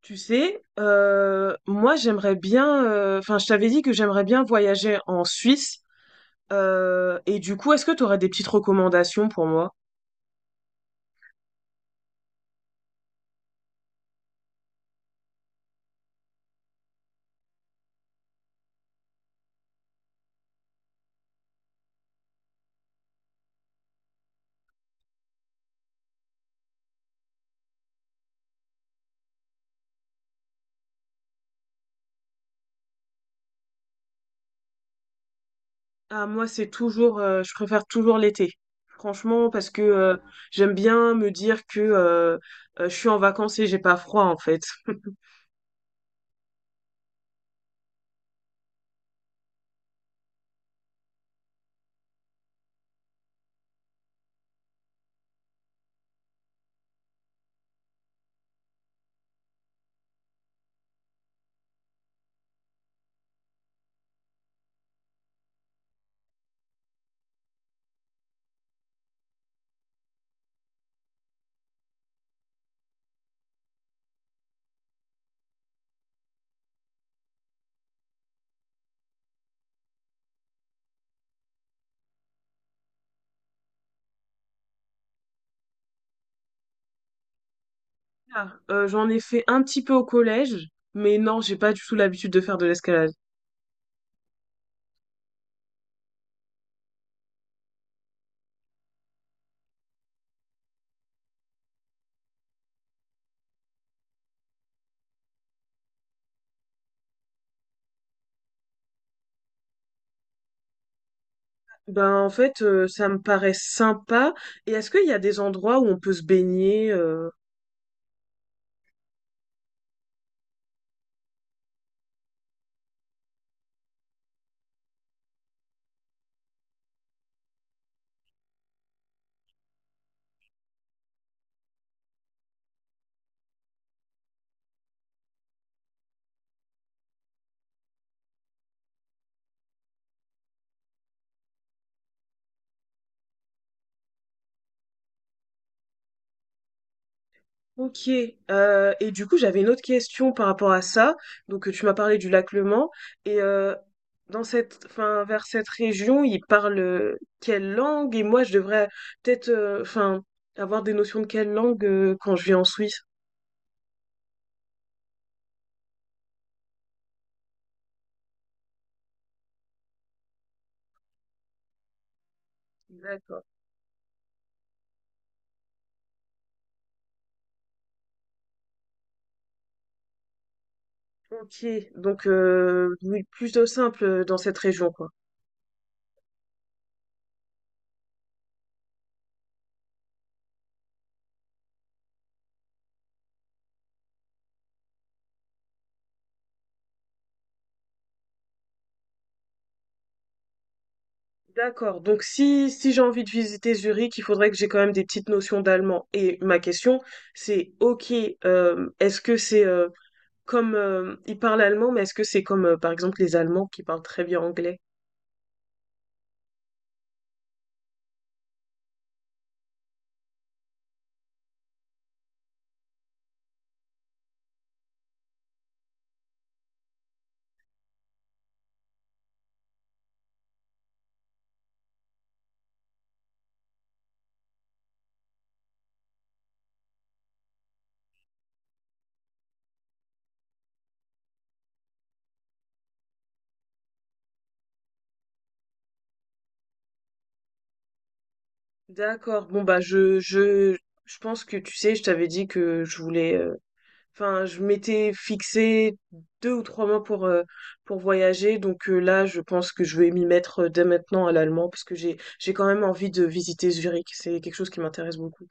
Tu sais, moi j'aimerais bien, enfin je t'avais dit que j'aimerais bien voyager en Suisse, et du coup est-ce que tu aurais des petites recommandations pour moi? Ah moi c'est toujours, je préfère toujours l'été, franchement parce que j'aime bien me dire que je suis en vacances et j'ai pas froid en fait. Ah, j'en ai fait un petit peu au collège, mais non j'ai pas du tout l'habitude de faire de l'escalade. Ben en fait, ça me paraît sympa, et est-ce qu'il y a des endroits où on peut se baigner? Ok, et du coup j'avais une autre question par rapport à ça. Donc tu m'as parlé du lac Le Mans et dans cette, enfin vers cette région ils parlent quelle langue et moi je devrais peut-être, enfin avoir des notions de quelle langue quand je vais en Suisse. D'accord. Ok, donc oui, plutôt simple dans cette région quoi. D'accord. Donc si j'ai envie de visiter Zurich, il faudrait que j'ai quand même des petites notions d'allemand. Et ma question, c'est ok, est-ce que c'est comme ils parlent allemand, mais est-ce que c'est comme par exemple les Allemands qui parlent très bien anglais? D'accord. Bon bah je je pense que tu sais, je t'avais dit que je voulais. Enfin, je m'étais fixé deux ou trois mois pour voyager. Donc là, je pense que je vais m'y mettre dès maintenant à l'allemand parce que j'ai quand même envie de visiter Zurich. C'est quelque chose qui m'intéresse beaucoup.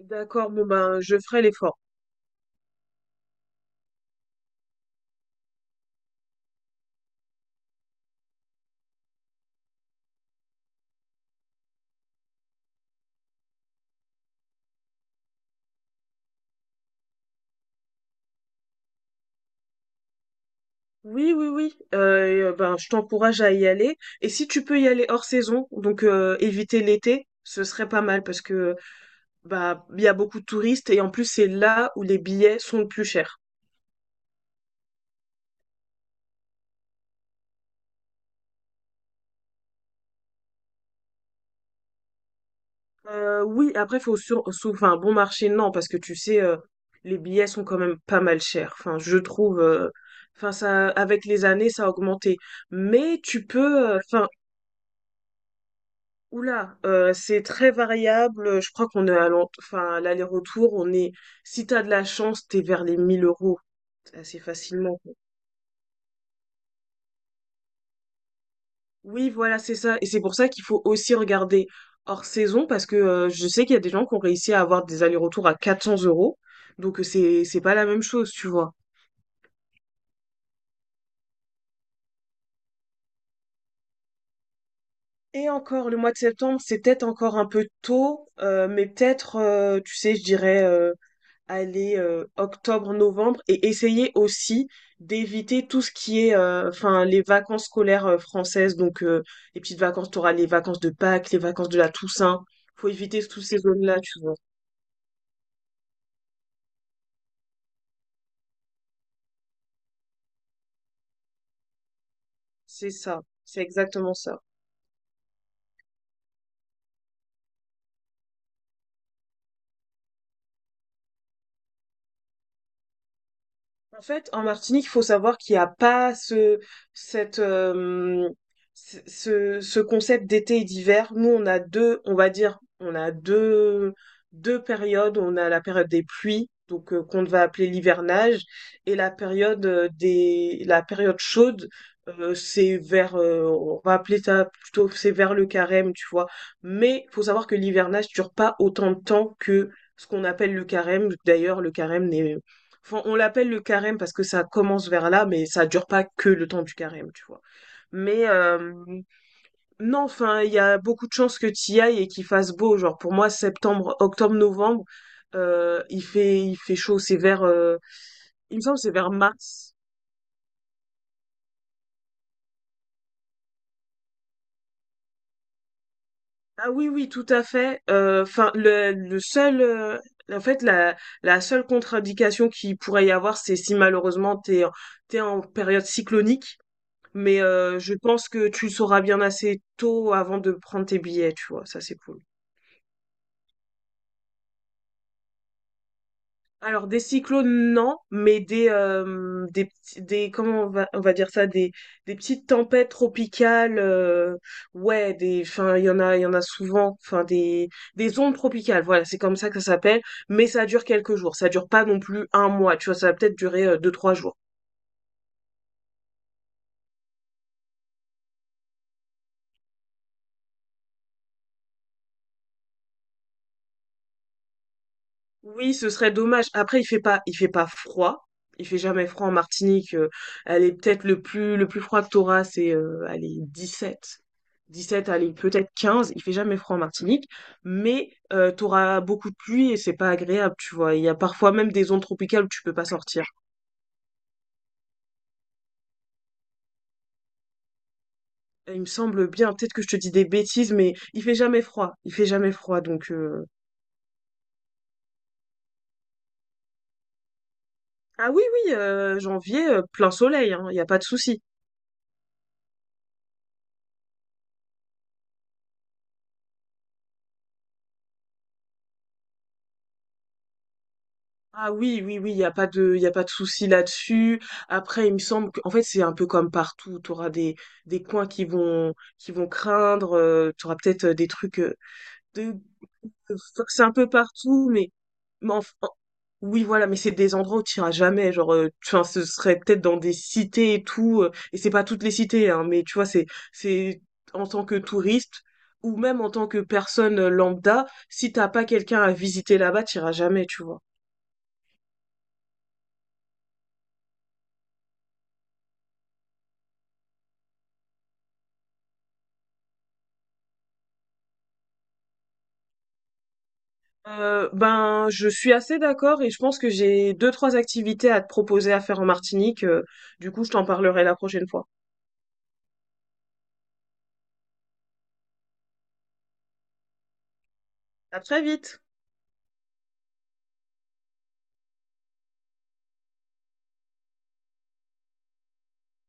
D'accord, bon ben je ferai l'effort. Oui, oui, oui. Et, ben je t'encourage à y aller. Et si tu peux y aller hors saison, donc éviter l'été, ce serait pas mal parce que bah il y a beaucoup de touristes et en plus c'est là où les billets sont le plus chers. Oui, après faut enfin bon marché non parce que tu sais les billets sont quand même pas mal chers. Enfin je trouve, enfin ça avec les années ça a augmenté. Mais tu peux, enfin Oula, c'est très variable. Je crois qu'on est à enfin, à l'aller-retour, on est, si t'as de la chance, t'es vers les 1 000 € assez facilement. Oui, voilà, c'est ça. Et c'est pour ça qu'il faut aussi regarder hors saison parce que je sais qu'il y a des gens qui ont réussi à avoir des allers-retours à 400 euros. Donc c'est pas la même chose, tu vois. Et encore, le mois de septembre, c'est peut-être encore un peu tôt, mais peut-être, tu sais, je dirais aller octobre-novembre et essayer aussi d'éviter tout ce qui est enfin les vacances scolaires françaises donc les petites vacances tu auras les vacances de Pâques les vacances de la Toussaint faut éviter toutes ces zones-là tu vois c'est ça c'est exactement ça. En fait, en Martinique, il faut savoir qu'il n'y a pas ce, cette, ce, ce- ce concept d'été et d'hiver. Nous, on a deux, deux périodes. On a la période des pluies, donc qu'on va appeler l'hivernage, et la la période chaude. C'est vers, on va appeler ça plutôt, c'est vers le carême, tu vois. Mais il faut savoir que l'hivernage dure pas autant de temps que ce qu'on appelle le carême. D'ailleurs, le carême n'est enfin, on l'appelle le carême parce que ça commence vers là, mais ça dure pas que le temps du carême, tu vois. Mais non, enfin, il y a beaucoup de chances que tu y ailles et qu'il fasse beau. Genre pour moi, septembre, octobre, novembre, il fait chaud. C'est vers, il me semble, que c'est vers mars. Ah oui, oui, tout à fait. Enfin, le seul, en fait, la, la seule contre-indication qu'il pourrait y avoir, c'est si malheureusement t'es en période cyclonique. Mais je pense que tu le sauras bien assez tôt avant de prendre tes billets, tu vois, ça c'est cool. Alors des cyclones, non, mais des, comment on va, on va dire ça, des petites tempêtes tropicales ouais des enfin il y en a souvent enfin des ondes tropicales, voilà c'est comme ça que ça s'appelle, mais ça dure quelques jours, ça dure pas non plus un mois, tu vois, ça va peut-être durer deux trois jours. Oui, ce serait dommage. Après, il fait pas froid. Il fait jamais froid en Martinique. Elle est peut-être le plus froid que t'auras, c'est, allez, 17, allez, peut-être 15. Il fait jamais froid en Martinique. Mais, t'auras beaucoup de pluie et c'est pas agréable, tu vois. Il y a parfois même des zones tropicales où tu peux pas sortir. Et il me semble bien, peut-être que je te dis des bêtises, mais il fait jamais froid. Il fait jamais froid, donc, ah oui, oui, janvier, plein soleil, hein. Il y a pas de souci. Ah oui, oui, oui, il n'y a pas de, il a pas de souci là-dessus. Après, il me semble qu'en fait, c'est un peu comme partout. Tu auras des coins qui vont craindre. Tu auras peut-être des trucs de, de- enfin, c'est un peu partout, mais, mais enf- en- oui, voilà, mais c'est des endroits où tu iras jamais. Genre, tu vois, ce serait peut-être dans des cités et tout. Euh, et c'est pas toutes les cités, hein, mais tu vois, c'est en tant que touriste ou même en tant que personne lambda, si t'as pas quelqu'un à visiter là-bas, tu iras jamais, tu vois. Ben, je suis assez d'accord et je pense que j'ai deux, trois activités à te proposer à faire en Martinique. Euh, du coup, je t'en parlerai la prochaine fois. À très vite!